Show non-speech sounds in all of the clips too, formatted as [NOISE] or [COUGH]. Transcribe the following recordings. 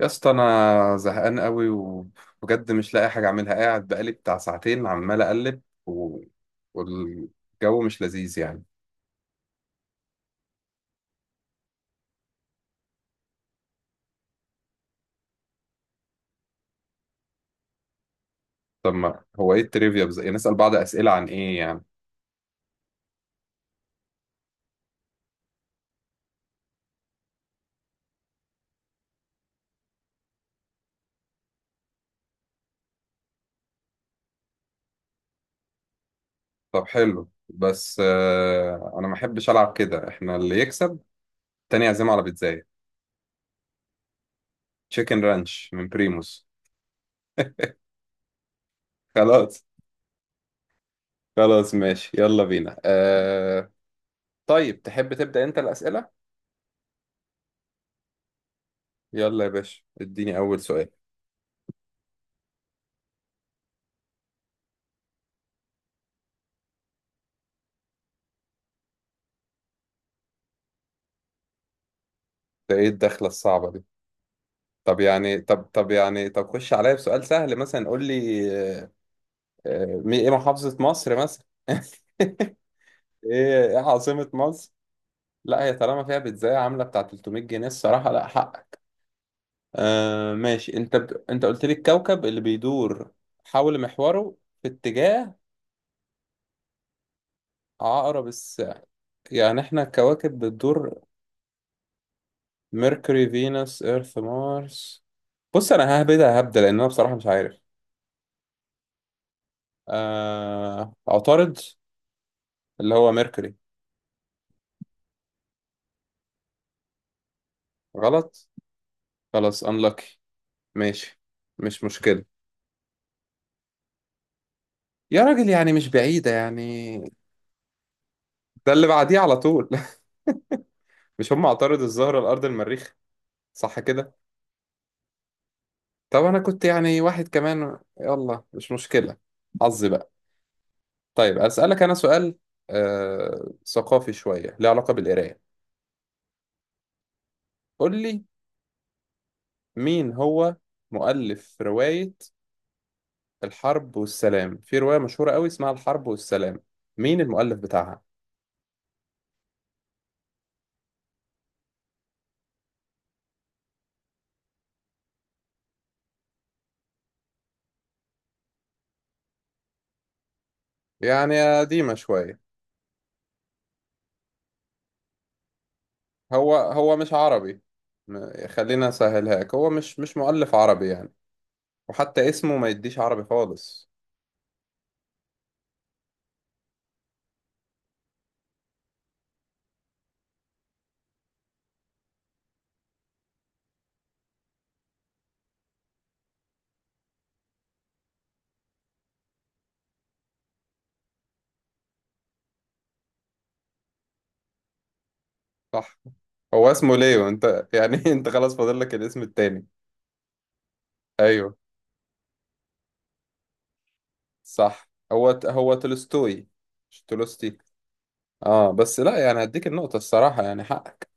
يا اسطى، انا زهقان قوي وبجد مش لاقي حاجه اعملها. قاعد بقالي بتاع ساعتين عمال اقلب والجو مش لذيذ يعني. طب ما هو ايه التريفيا يعني نسال بعض اسئله عن ايه يعني؟ طب حلو، بس انا ما احبش العب كده. احنا اللي يكسب تاني يعزمه على بيتزاية. تشيكن رانش من بريموس. خلاص. خلاص ماشي، يلا بينا. طيب، تحب تبدا انت الاسئله؟ يلا يا باشا، اديني اول سؤال. ده ايه الدخله الصعبه دي؟ طب يعني، طب يعني طب خش عليا بسؤال سهل مثلا. قول لي آه، ايه محافظة مصر مثلا. [LAUGHS] ايه عاصمة مصر؟ لا، هي طالما فيها بيتزاية عاملة بتاع 300 جنيه، الصراحة لا حقك. ماشي. انت قلت لي الكوكب اللي بيدور حول محوره في اتجاه عقرب الساعة، يعني احنا الكواكب بتدور. ميركوري، فينوس، ايرث، مارس. بص انا هبدأ لان انا بصراحة مش عارف. عطارد، اللي هو ميركوري. غلط. خلاص unlucky. ماشي، مش مشكلة. يا راجل يعني مش بعيدة يعني، ده اللي بعديه على طول. [LAUGHS] مش هم عطارد، الزهرة، الأرض، المريخ؟ صح كده. طب أنا كنت يعني واحد كمان، يلا مش مشكلة، حظي بقى. طيب أسألك أنا سؤال ثقافي شوية، له علاقة بالقراية. قول لي، مين هو مؤلف رواية الحرب والسلام؟ في رواية مشهورة قوي اسمها الحرب والسلام، مين المؤلف بتاعها؟ يعني قديمة شوية. هو هو مش عربي. خلينا اسهلهاك، هو مش مؤلف عربي يعني، وحتى اسمه ما يديش عربي خالص. صح، هو اسمه ليو. انت يعني [LAUGHS] انت خلاص فاضل لك الاسم التاني. ايوه، صح. هو تولستوي، مش تولستي. اه بس لا، يعني هديك النقطة الصراحة، يعني حقك.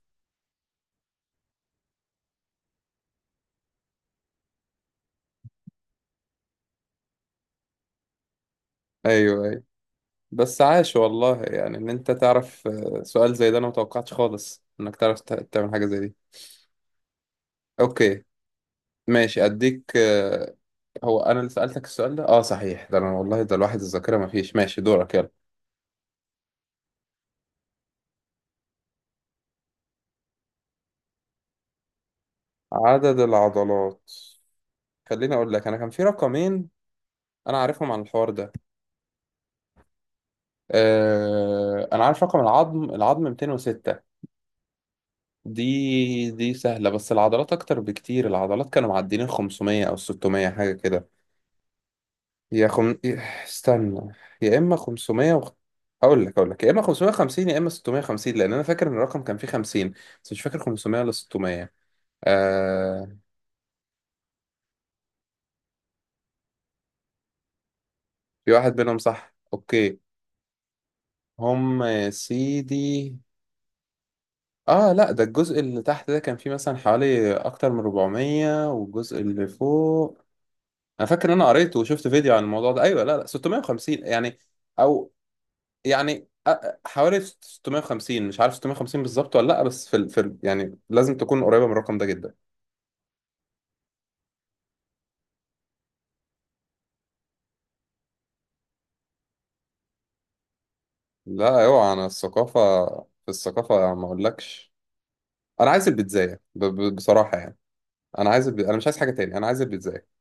ايوه ايوه. بس عاش والله، يعني ان انت تعرف سؤال زي ده انا متوقعتش خالص انك تعرف تعمل حاجة زي دي. اوكي، ماشي اديك. هو انا اللي سألتك السؤال ده، اه صحيح. ده انا والله، ده الواحد الذاكرة ما فيش. ماشي دورك، يلا. عدد العضلات. خليني اقول لك، انا كان في رقمين انا عارفهم عن الحوار ده. انا عارف رقم العظم. العظم 206، دي دي سهلة. بس العضلات اكتر بكتير. العضلات كانوا معديين 500 او 600 حاجة كده. استنى، يا اما 500 اقول لك يا اما 550 يا اما 650، لان انا فاكر ان الرقم كان فيه 50، بس مش فاكر 500 ولا 600. في واحد منهم صح. اوكي. هم يا سيدي. اه لا، ده الجزء اللي تحت ده كان فيه مثلا حوالي اكتر من 400، والجزء اللي فوق. انا فاكر ان انا قريت وشفت فيديو عن الموضوع ده. ايوه، لا لا، 650 يعني، او يعني حوالي 650. مش عارف 650 بالظبط ولا لا، بس يعني لازم تكون قريبة من الرقم ده جدا. لا، اوعى انا الثقافة، في الثقافة ما اقولكش. انا عايز البيتزاية بصراحة يعني. انا مش عايز حاجة تاني، انا عايز البيتزاية.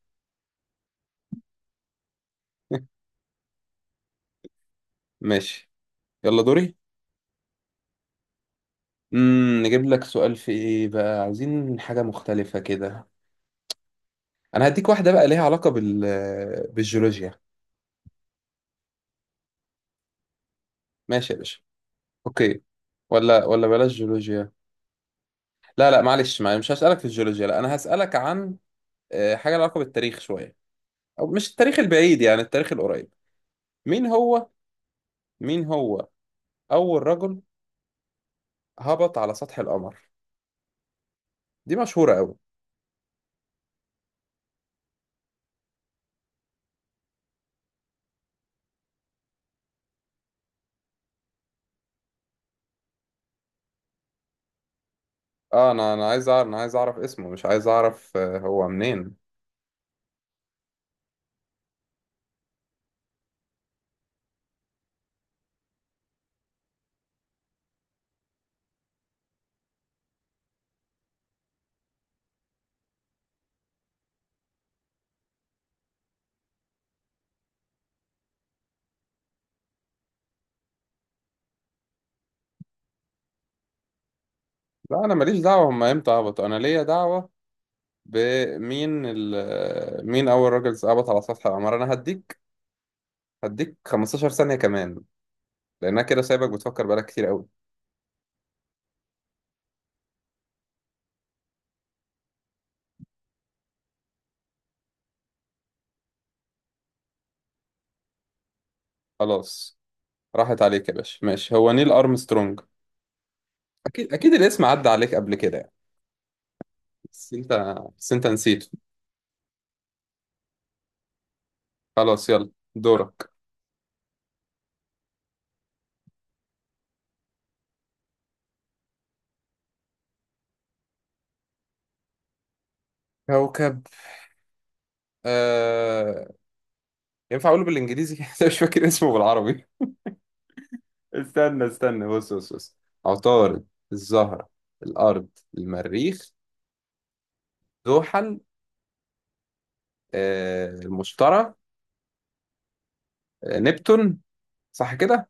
[LAUGHS] ماشي يلا دوري. نجيب لك سؤال في ايه بقى، عايزين حاجة مختلفة كده. انا هديك واحدة بقى ليها علاقة بالجيولوجيا. ماشي يا باشا. اوكي. ولا بلاش جيولوجيا. لا لا، معلش معلش، مش هسألك في الجيولوجيا، لا انا هسألك عن حاجة لها علاقة بالتاريخ شوية. او مش التاريخ البعيد، يعني التاريخ القريب. مين هو؟ مين هو اول رجل هبط على سطح القمر؟ دي مشهورة قوي. اه، انا عايز اعرف اسمه، مش عايز اعرف هو منين. لا، انا ماليش دعوه هم امتى هبطوا، انا ليا دعوه بمين. مين أول راجل هبط على سطح القمر؟ أنا هديك 15 ثانية كمان، لأنها كده سايبك بتفكر بقالك كتير أوي. خلاص، راحت عليك يا باشا. ماشي، هو نيل أرمسترونج. أكيد أكيد الاسم عدى عليك قبل كده يعني. بس أنت بس أنت نسيته. خلاص، يلا دورك. كوكب آه... ينفع أقوله بالإنجليزي؟ [LAUGHS] أنا مش فاكر اسمه بالعربي. استنى استنى، بص بص بص: عطارد، الزهرة، الأرض، المريخ، زحل، المشتري، نبتون. صح كده؟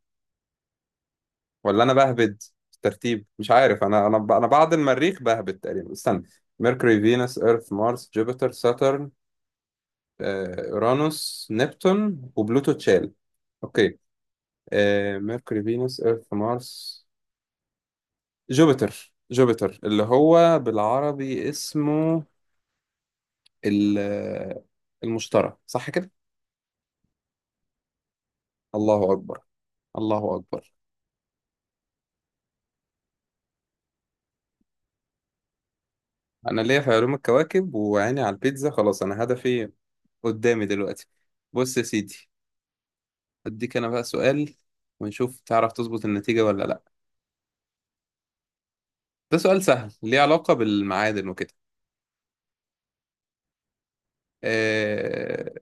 ولا انا بهبد في الترتيب؟ مش عارف، انا بعد المريخ بهبد تقريبا. استنى: ميركوري، فينوس، ايرث، مارس، جوبيتر، ساترن، اورانوس، نبتون، وبلوتو اتشال. اوكي. ميركوري، فينوس، ايرث، مارس، جوبيتر اللي هو بالعربي اسمه ال- المشتري. صح كده؟ الله اكبر! الله اكبر! انا ليا في علوم الكواكب، وعيني على البيتزا. خلاص انا هدفي قدامي دلوقتي. بص يا سيدي، اديك انا بقى سؤال، ونشوف تعرف تظبط النتيجة ولا لا. ده سؤال سهل ليه علاقة بالمعادن وكده، آه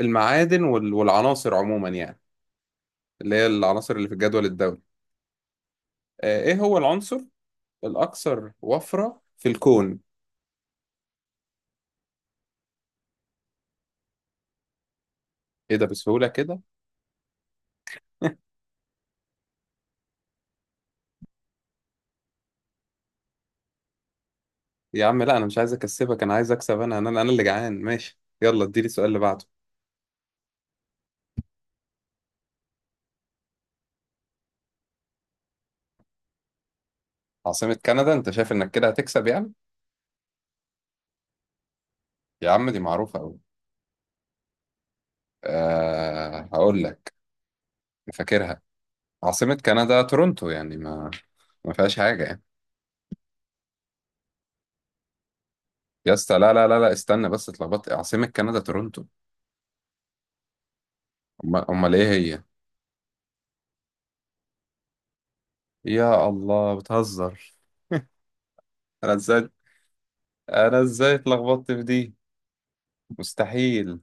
المعادن والعناصر عموما يعني، اللي هي العناصر اللي في الجدول الدوري. ايه هو العنصر الاكثر وفرة في الكون؟ ايه ده، بسهولة كده! [LAUGHS] يا عم لا، انا مش عايز اكسبك، انا عايز اكسب. انا انا اللي جعان. ماشي يلا اديني السؤال اللي بعده. عاصمة كندا، انت شايف انك كده هتكسب يعني؟ يا عم دي معروفة قوي. أه هقول لك، فاكرها. عاصمة كندا تورونتو، يعني ما ما فيهاش حاجة يعني. يا اسطى، لا لا لا لا، استنى بس، اتلخبطت؟ عاصمة كندا تورونتو. امال ايه هي؟ يا الله، بتهزر! انا ازاي انا ازاي اتلخبطت في دي؟ مستحيل!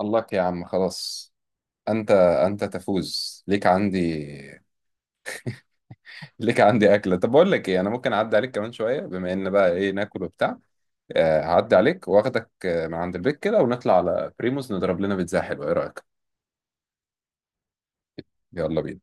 الله يا عم خلاص، انت انت تفوز ليك عندي، ليك عندي اكله. طب بقول لك ايه، انا ممكن اعدي عليك كمان شويه. بما ان بقى ايه ناكل وبتاع، هعدي عليك واخدك من عند البيت كده، ونطلع على بريموس نضرب لنا بيتزا حلوه. ايه رايك؟ يلا بينا.